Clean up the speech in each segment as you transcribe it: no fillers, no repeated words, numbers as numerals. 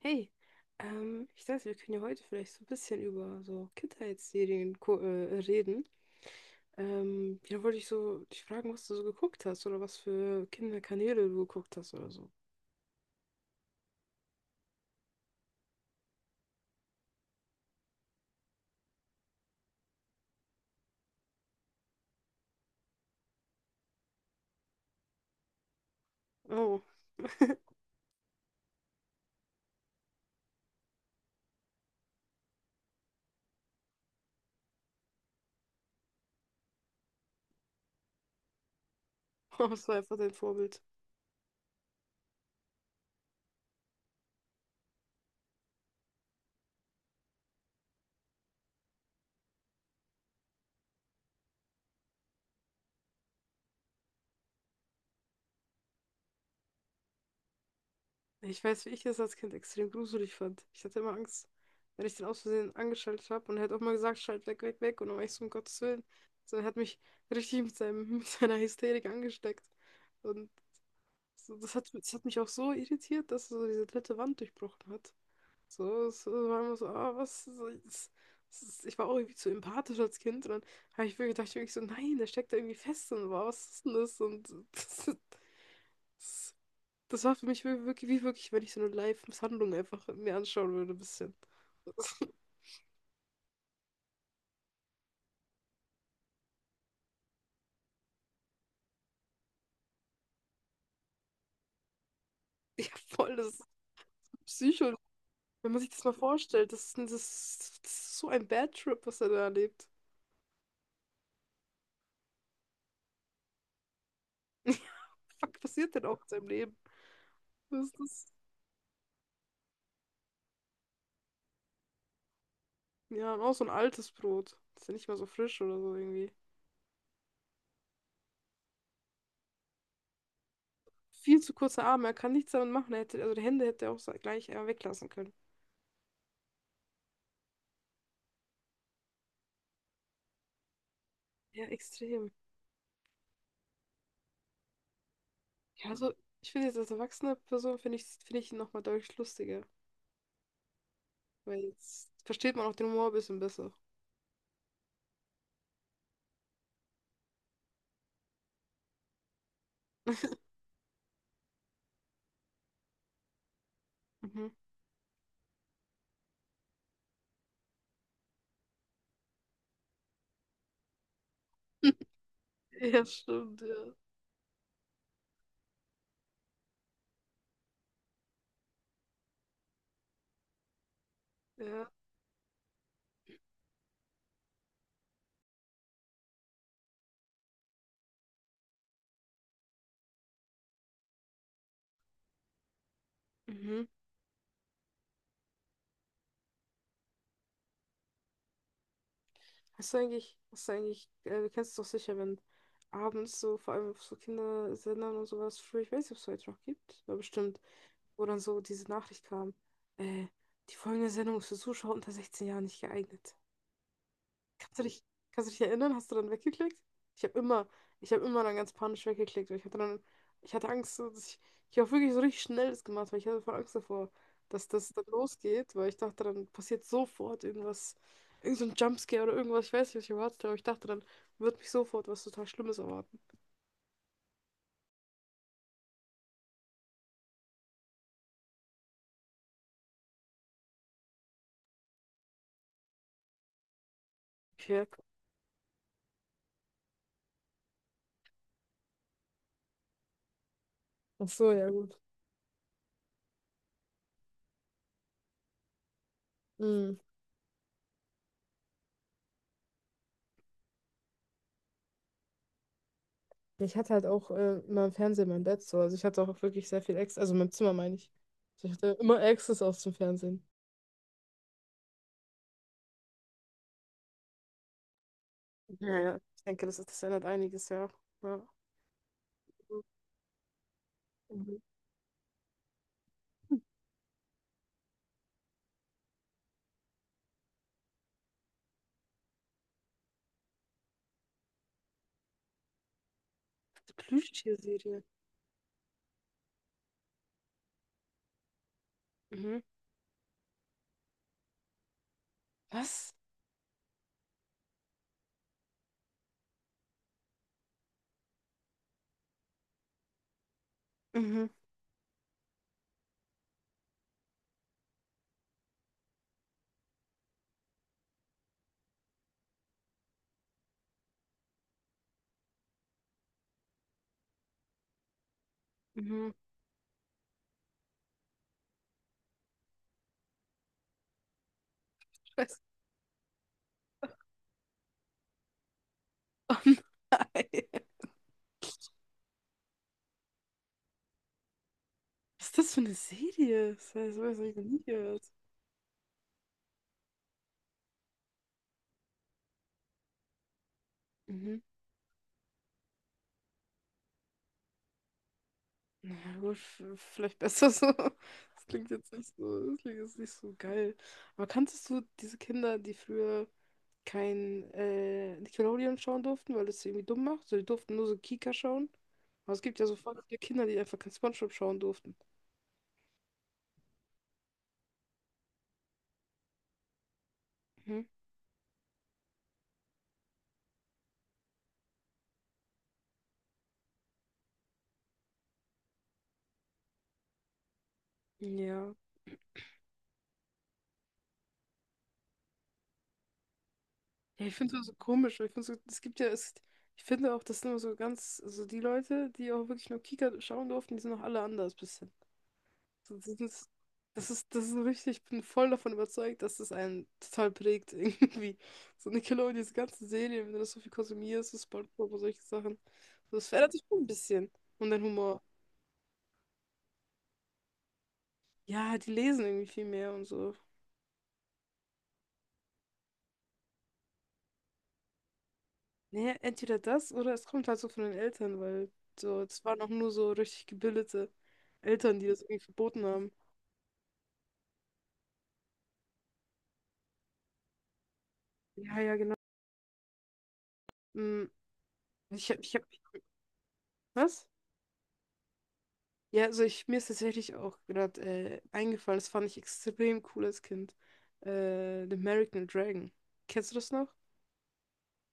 Hey, ich dachte, wir können ja heute vielleicht so ein bisschen über so Kindheitsserien reden. Ja, wollte ich so dich fragen, was du so geguckt hast oder was für Kinderkanäle du geguckt hast oder so. Oh, was war einfach dein Vorbild? Ich weiß, wie ich das als Kind extrem gruselig fand. Ich hatte immer Angst, wenn ich den aus Versehen angeschaltet habe und er hat auch mal gesagt, schalt weg, weg, weg und dann war ich so, um Gottes Willen. So, er hat mich richtig mit seinem, mit seiner Hysterik angesteckt. Und so, das hat mich auch so irritiert, dass er so diese dritte Wand durchbrochen hat. So, es war immer so, ah, was, so, ich war auch irgendwie zu empathisch als Kind und dann habe ich wirklich gedacht, wirklich so, nein, der steckt da irgendwie fest und wow, was ist denn das? Und das, das, das war für mich wirklich, wie wirklich, wenn ich so eine Live-Misshandlung einfach mir anschauen würde, ein bisschen. Ja, voll, das ist Psycho. Wenn man sich das mal vorstellt, das ist so ein Bad Trip, was er da erlebt. Fuck, passiert denn auch in seinem Leben? Was ist das? Ja, und auch so ein altes Brot. Das ist ja nicht mal so frisch oder so irgendwie. Viel zu kurze Arme, er kann nichts damit machen. Er hätte, also die Hände hätte er auch gleich weglassen können. Ja, extrem. Ja, also ich finde jetzt als erwachsene Person finde ich ihn nochmal deutlich lustiger. Weil jetzt versteht man auch den Humor ein bisschen besser. Mhm. Ja, stimmt, ja. Ja. Mhm. Hast du eigentlich, du kennst es doch sicher, wenn abends so, vor allem auf so Kindersendern und sowas, früher, ich weiß nicht, ob es heute noch gibt, aber bestimmt, wo dann so diese Nachricht kam, äh, die folgende Sendung ist für Zuschauer unter 16 Jahren nicht geeignet. Kannst du dich, kannst du dich erinnern? Hast du dann weggeklickt? Ich habe immer, ich habe immer dann ganz panisch weggeklickt, weil ich hatte dann, ich hatte Angst, so ich habe wirklich so richtig schnell das gemacht, weil ich hatte voll Angst davor, dass das dann losgeht, weil ich dachte, dann passiert sofort irgendwas, irgend so ein Jumpscare oder irgendwas, ich weiß nicht, was ich erwartet habe, aber ich dachte, dann wird mich sofort was total Schlimmes erwarten. Okay. Ach so, ja gut. Mhm. Ich hatte halt auch immer im Fernsehen mein Bett so. Also ich hatte auch wirklich sehr viel Access, also mein Zimmer meine ich. Also ich hatte immer Access auch zum Fernsehen. Ja, ja. Ich denke, das ändert einiges, ja. Ja. Mhm. Mhm. Plüschtierserie. Mhm. Was? Mhm. Mhm. Scheiße. Oh nein. Was ist das für eine Serie? Das heißt, sowas habe ich so noch nie gehört. Mhm. Naja, gut, vielleicht besser so. Das klingt jetzt nicht so geil. Aber kanntest du diese Kinder, die früher kein Nickelodeon schauen durften, weil das sie irgendwie dumm macht? So, die durften nur so Kika schauen. Aber es gibt ja so voll viele Kinder, die einfach kein SpongeBob schauen durften. Ja. Ja, ich finde es so komisch. Weil Ich finde so, es gibt ja, es, ich finde auch, das sind immer so ganz, so die Leute, die auch wirklich nur Kika schauen durften, die sind auch alle anders bisschen. So, das ist so richtig, ich bin voll davon überzeugt, dass das einen total prägt irgendwie. So Nickelodeon, diese ganzen Serien, wenn du das so viel konsumierst, so SpongeBob und solche Sachen. So, das verändert sich schon ein bisschen. Und dein Humor. Ja, die lesen irgendwie viel mehr und so. Naja, entweder das oder es kommt halt so von den Eltern, weil so, es waren auch nur so richtig gebildete Eltern, die das irgendwie verboten haben. Ja, ja, genau. Mm, Ich hab, ich hab, was? Ja, also ich, mir ist tatsächlich auch gerade eingefallen, das fand ich extrem cool als Kind. The American Dragon. Kennst du das noch?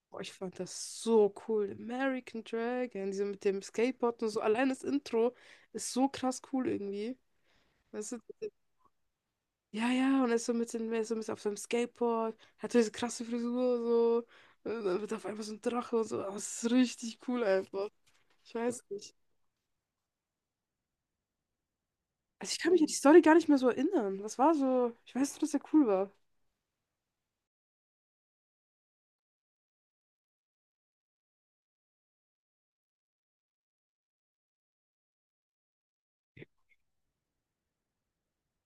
Boah, ich fand das so cool. The American Dragon, diese mit dem Skateboard und so. Allein das Intro ist so krass cool irgendwie. Weißt du? Ja, ja, und er ist so mit auf seinem Skateboard, hat so diese krasse Frisur, so, und dann wird auf einmal so ein Drache und so, aber es ist richtig cool einfach. Ich weiß nicht. Also ich kann mich an die Story gar nicht mehr so erinnern. Was war so? Ich weiß nur, dass er cool war.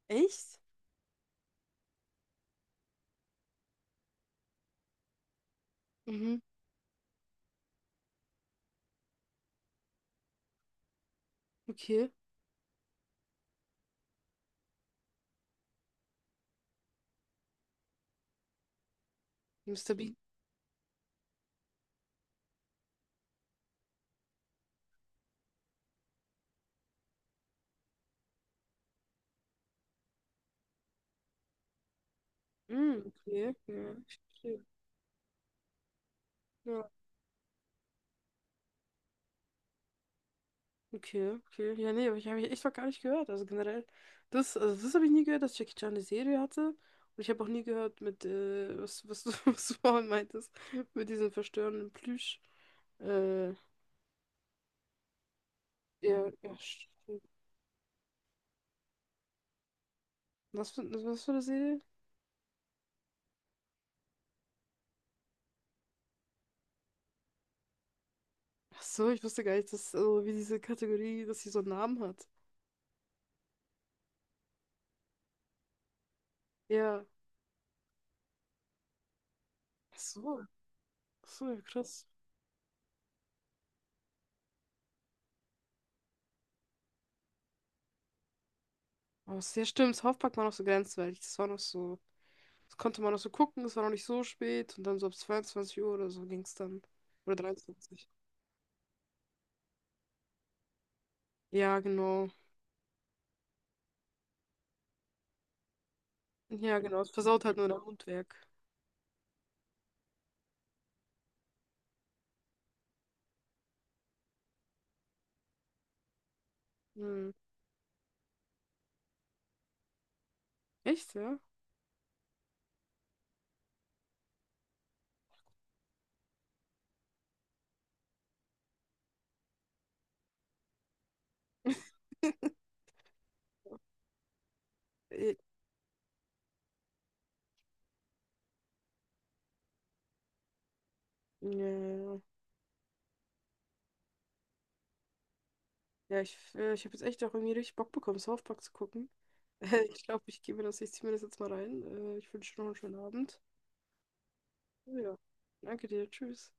Echt? Mhm, okay. Mister Bean. Mhm, okay. Ja, ich verstehe. Okay, okay. Ja, nee, aber ich habe ich echt noch gar nicht gehört. Also generell, also das habe ich nie gehört, dass Jackie Chan eine Serie hatte. Und ich habe auch nie gehört mit, was du, was du vorhin meintest, mit diesem verstörenden Plüsch. Äh, ja, ja, stimmt. Was für eine Serie? Ach so, ich wusste gar nicht, dass, also, wie diese Kategorie, dass sie so einen Namen hat. Ja. Ach so, ach so, ja, krass. Aber ja, stimmt, South Park war noch so grenzwertig. Das war noch so. Das konnte man noch so gucken, es war noch nicht so spät und dann so ab 22 Uhr oder so ging es dann. Oder 23. Ja, genau. Ja, genau. Es versaut halt nur dein Mundwerk. Hm. Echt, ja? Äh, ja, ja, ja, ja, ich, ich habe jetzt echt auch irgendwie richtig Bock bekommen, South Park zu gucken. Ich glaube, ich ziehe mir das jetzt mal rein. Ich wünsche dir noch einen schönen Abend. Ja, danke dir. Tschüss.